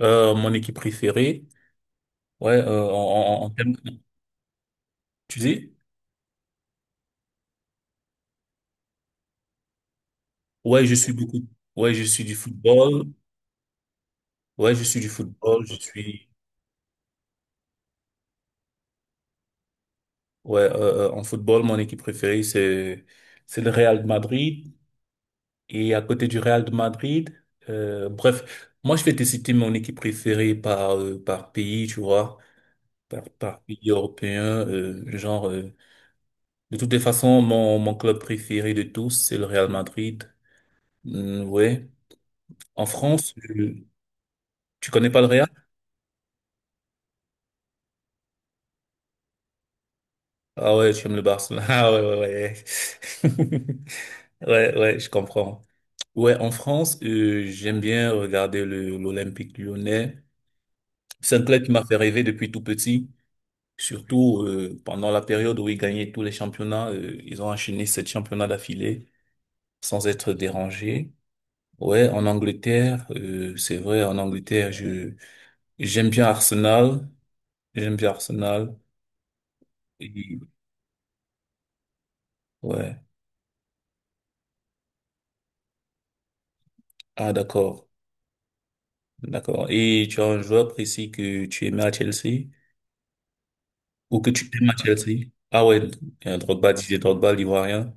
Mon équipe préférée, ouais, tu sais, ouais, je suis beaucoup, ouais, je suis du football, ouais, je suis du football, je suis, ouais, en football, mon équipe préférée, c'est le Real de Madrid, et à côté du Real de Madrid, bref, moi, je vais te citer mon équipe préférée par pays, tu vois, par pays européen, genre, de toutes les façons, mon club préféré de tous, c'est le Real Madrid. Ouais. En France, Tu connais pas le Real? Ah, ouais, tu aimes le Barcelone. Ah, ouais, ouais, ouais. Ouais, ouais, je comprends. Ouais, en France, j'aime bien regarder l'Olympique Lyonnais. C'est un club qui m'a fait rêver depuis tout petit. Surtout pendant la période où ils gagnaient tous les championnats, ils ont enchaîné sept championnats d'affilée sans être dérangés. Ouais, en Angleterre, c'est vrai, en Angleterre, je j'aime bien Arsenal, j'aime bien Arsenal. Et, ouais. Ah, d'accord. D'accord. Et tu as un joueur précis que tu aimais à Chelsea ou que tu aimes à Chelsea? Ah, ouais, Drogba, Didier Drogba, l'Ivoirien.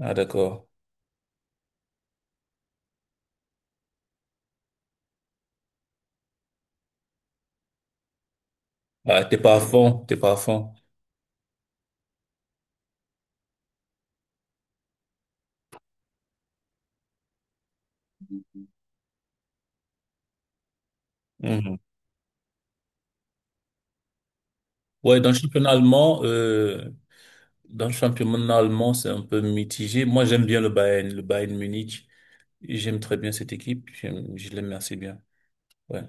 Ah, d'accord. Ah, t'es pas à fond, t'es pas à fond. Mhm. Ouais, dans le championnat allemand, c'est un peu mitigé. Moi, j'aime bien le Bayern Munich. J'aime très bien cette équipe. Je l'aime assez bien. Ouais.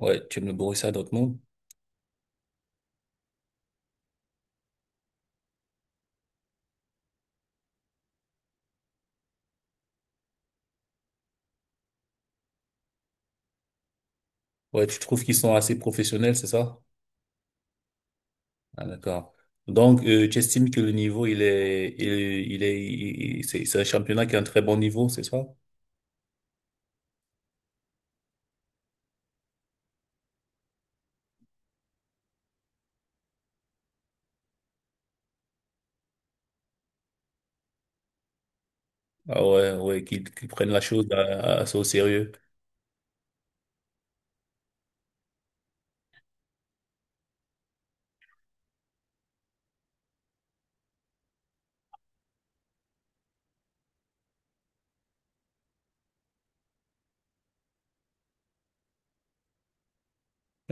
Ouais, tu aimes le Borussia Dortmund? Ouais, tu trouves qu'ils sont assez professionnels, c'est ça? Ah, d'accord. Donc, tu estimes que le niveau, il est, il est, il- c'est un championnat qui a un très bon niveau, c'est ça? Ah, ouais, ouais, qu'ils prennent la chose assez au sérieux.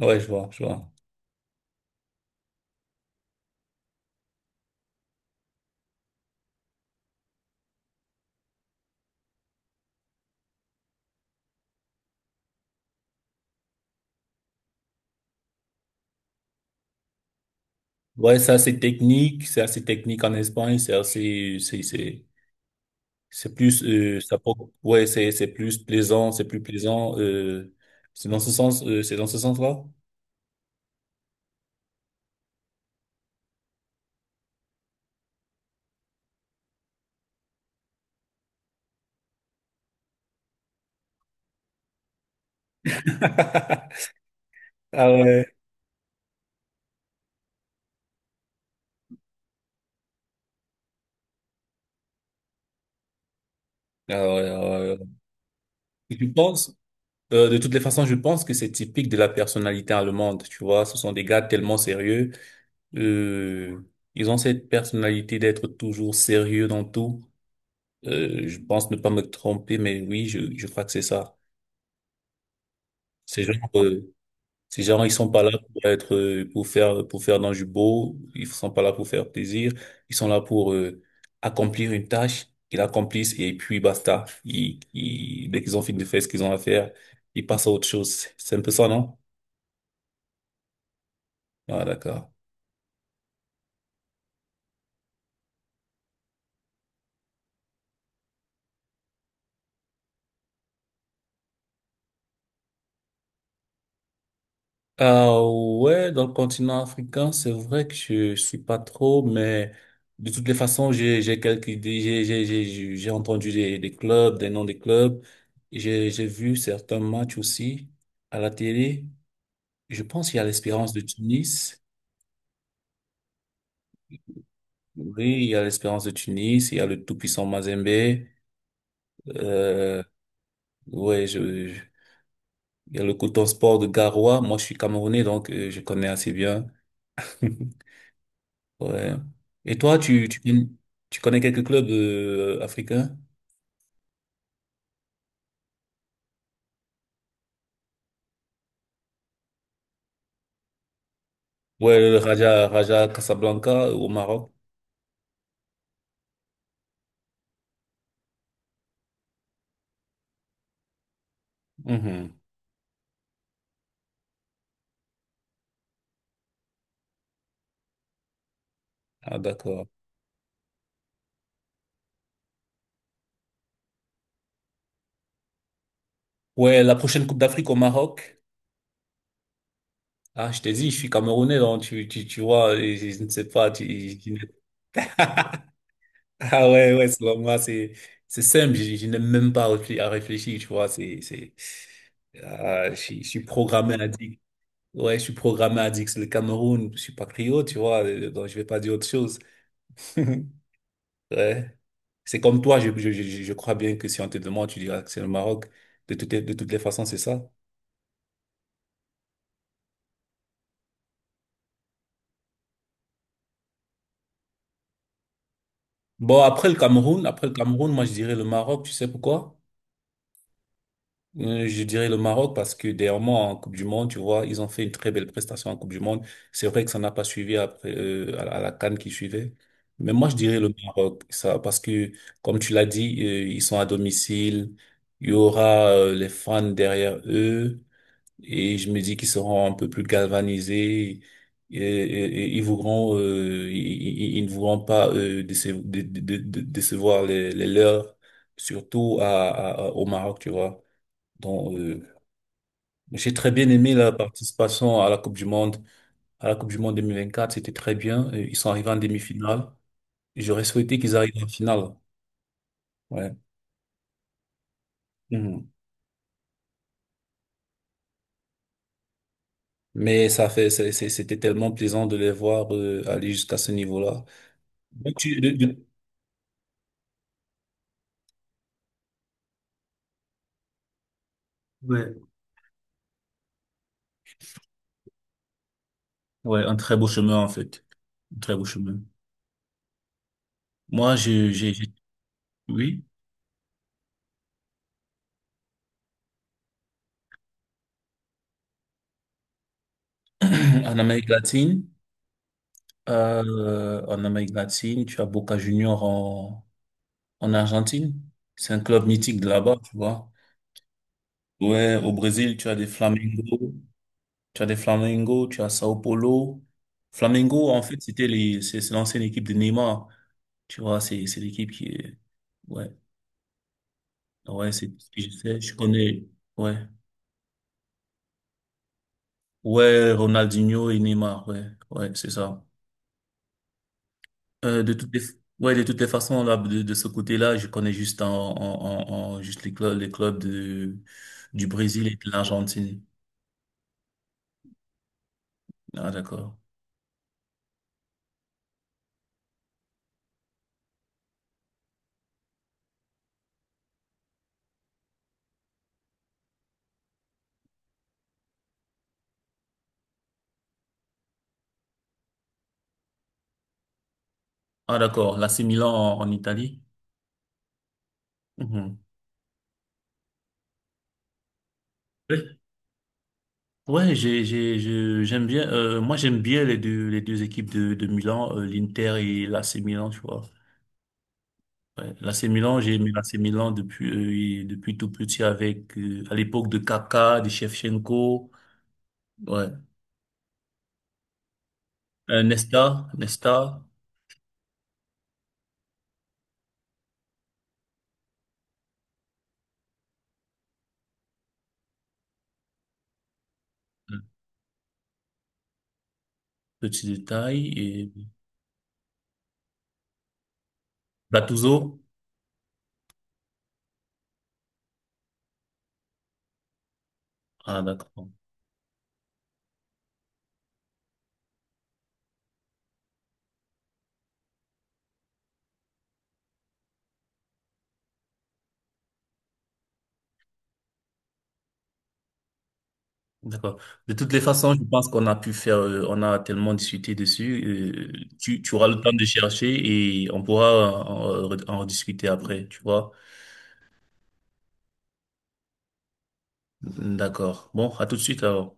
Ouais, je vois, je vois. Ouais, c'est assez technique en Espagne, c'est assez, c'est plus, ouais, c'est plus plaisant, c'est plus plaisant. C'est dans ce sens-là. Ah, ouais. Ah, ouais, ah, ouais. Je pense, de toutes les façons, je pense que c'est typique de la personnalité allemande. Tu vois, ce sont des gars tellement sérieux. Euh, Ils ont cette personnalité d'être toujours sérieux dans tout. Je pense ne pas me tromper, mais oui, je crois que c'est ça. C'est genre, euh, Ces gens, ils sont pas là pour être, pour faire dans du beau. Ils sont pas là pour faire plaisir. Ils sont là pour accomplir une tâche. Ils l'accomplissent et puis basta. Dès qu'ils ont fini de faire ce qu'ils ont à faire, ils passent à autre chose. C'est un peu ça, non? Ah, d'accord. Ah, ouais, dans le continent africain, c'est vrai que je suis pas trop, mais de toutes les façons, j'ai quelques idées, j'ai entendu des clubs, des noms des clubs, j'ai vu certains matchs aussi à la télé. Je pense qu'il y a l'Espérance de Tunis. Oui, il y a l'Espérance de Tunis, il y a le tout-puissant Mazembe. Euh, ouais, il y a le Coton Sport de Garoua. Moi, je suis Camerounais, donc je connais assez bien. Ouais. Et toi, tu connais quelques clubs africains? Ouais, Raja Casablanca au Maroc. Mhm. Ah, d'accord. Ouais, la prochaine Coupe d'Afrique au Maroc. Ah, je t'ai dit, je suis Camerounais, donc tu vois, et je ne sais pas. Ah, ouais, ouais, selon moi, c'est simple. Je n'ai même pas à réfléchir, tu vois. C'est, ah, je suis programmé addict. Ouais, je suis programmé addict. C'est le Cameroun. Je suis patriote, tu vois. Donc, je vais pas dire autre chose. Ouais. C'est comme toi, je crois bien que si on te demande, tu diras que c'est le Maroc. De toutes les façons, c'est ça. Bon, après le Cameroun, moi, je dirais le Maroc. Tu sais pourquoi? Je dirais le Maroc parce que dernièrement en Coupe du Monde, tu vois, ils ont fait une très belle prestation en Coupe du Monde. C'est vrai que ça n'a pas suivi après à la CAN qui suivait. Mais moi, je dirais le Maroc, ça, parce que comme tu l'as dit, ils sont à domicile, il y aura les fans derrière eux et je me dis qu'ils seront un peu plus galvanisés et ils voudront, ils ne voudront pas décevoir les leurs, surtout au Maroc, tu vois. Donc, j'ai très bien aimé la participation à la Coupe du Monde. À la Coupe du Monde 2024, c'était très bien. Ils sont arrivés en demi-finale. J'aurais souhaité qu'ils arrivent en finale. Ouais. Mhm. Mais ça fait, c'est- c'était tellement plaisant de les voir aller jusqu'à ce niveau-là. Donc, Ouais. Ouais, un très beau chemin en fait. Un très beau chemin. Moi, je, j'ai- Oui, en Amérique latine, en Amérique latine, tu as Boca Junior en Argentine. C'est un club mythique de là-bas, tu vois. Ouais, au Brésil, tu as des Flamengo, tu as Sao Paulo. Flamengo, en fait, c'était les, c'est l'ancienne équipe de Neymar. Tu vois, c'est l'équipe qui est, ouais, ouais, c'est ce que je sais, je connais, ouais. Ouais, Ronaldinho et Neymar, ouais, ouais, c'est ça. Euh, de toutes les, ouais, de toutes les façons, là, de ce côté-là, je connais juste juste les clubs du Brésil et de l'Argentine. Ah, d'accord. Ah, d'accord. L'AC Milan en Italie. Mhm. Ouais, j'aime bien. Moi, j'aime bien les deux équipes de Milan, l'Inter et l'AC Milan, tu vois. Ouais, l'AC Milan, j'ai aimé l'AC Milan depuis tout petit avec, à l'époque de Kaká, de Shevchenko, ouais, Nesta, euh, petit détail et Gattuso. Ah, d'accord, d'accord. De toutes les façons, je pense qu'on a pu faire, on a tellement discuté dessus. Tu auras le temps de chercher et on pourra en rediscuter après, tu vois. D'accord. Bon, à tout de suite alors.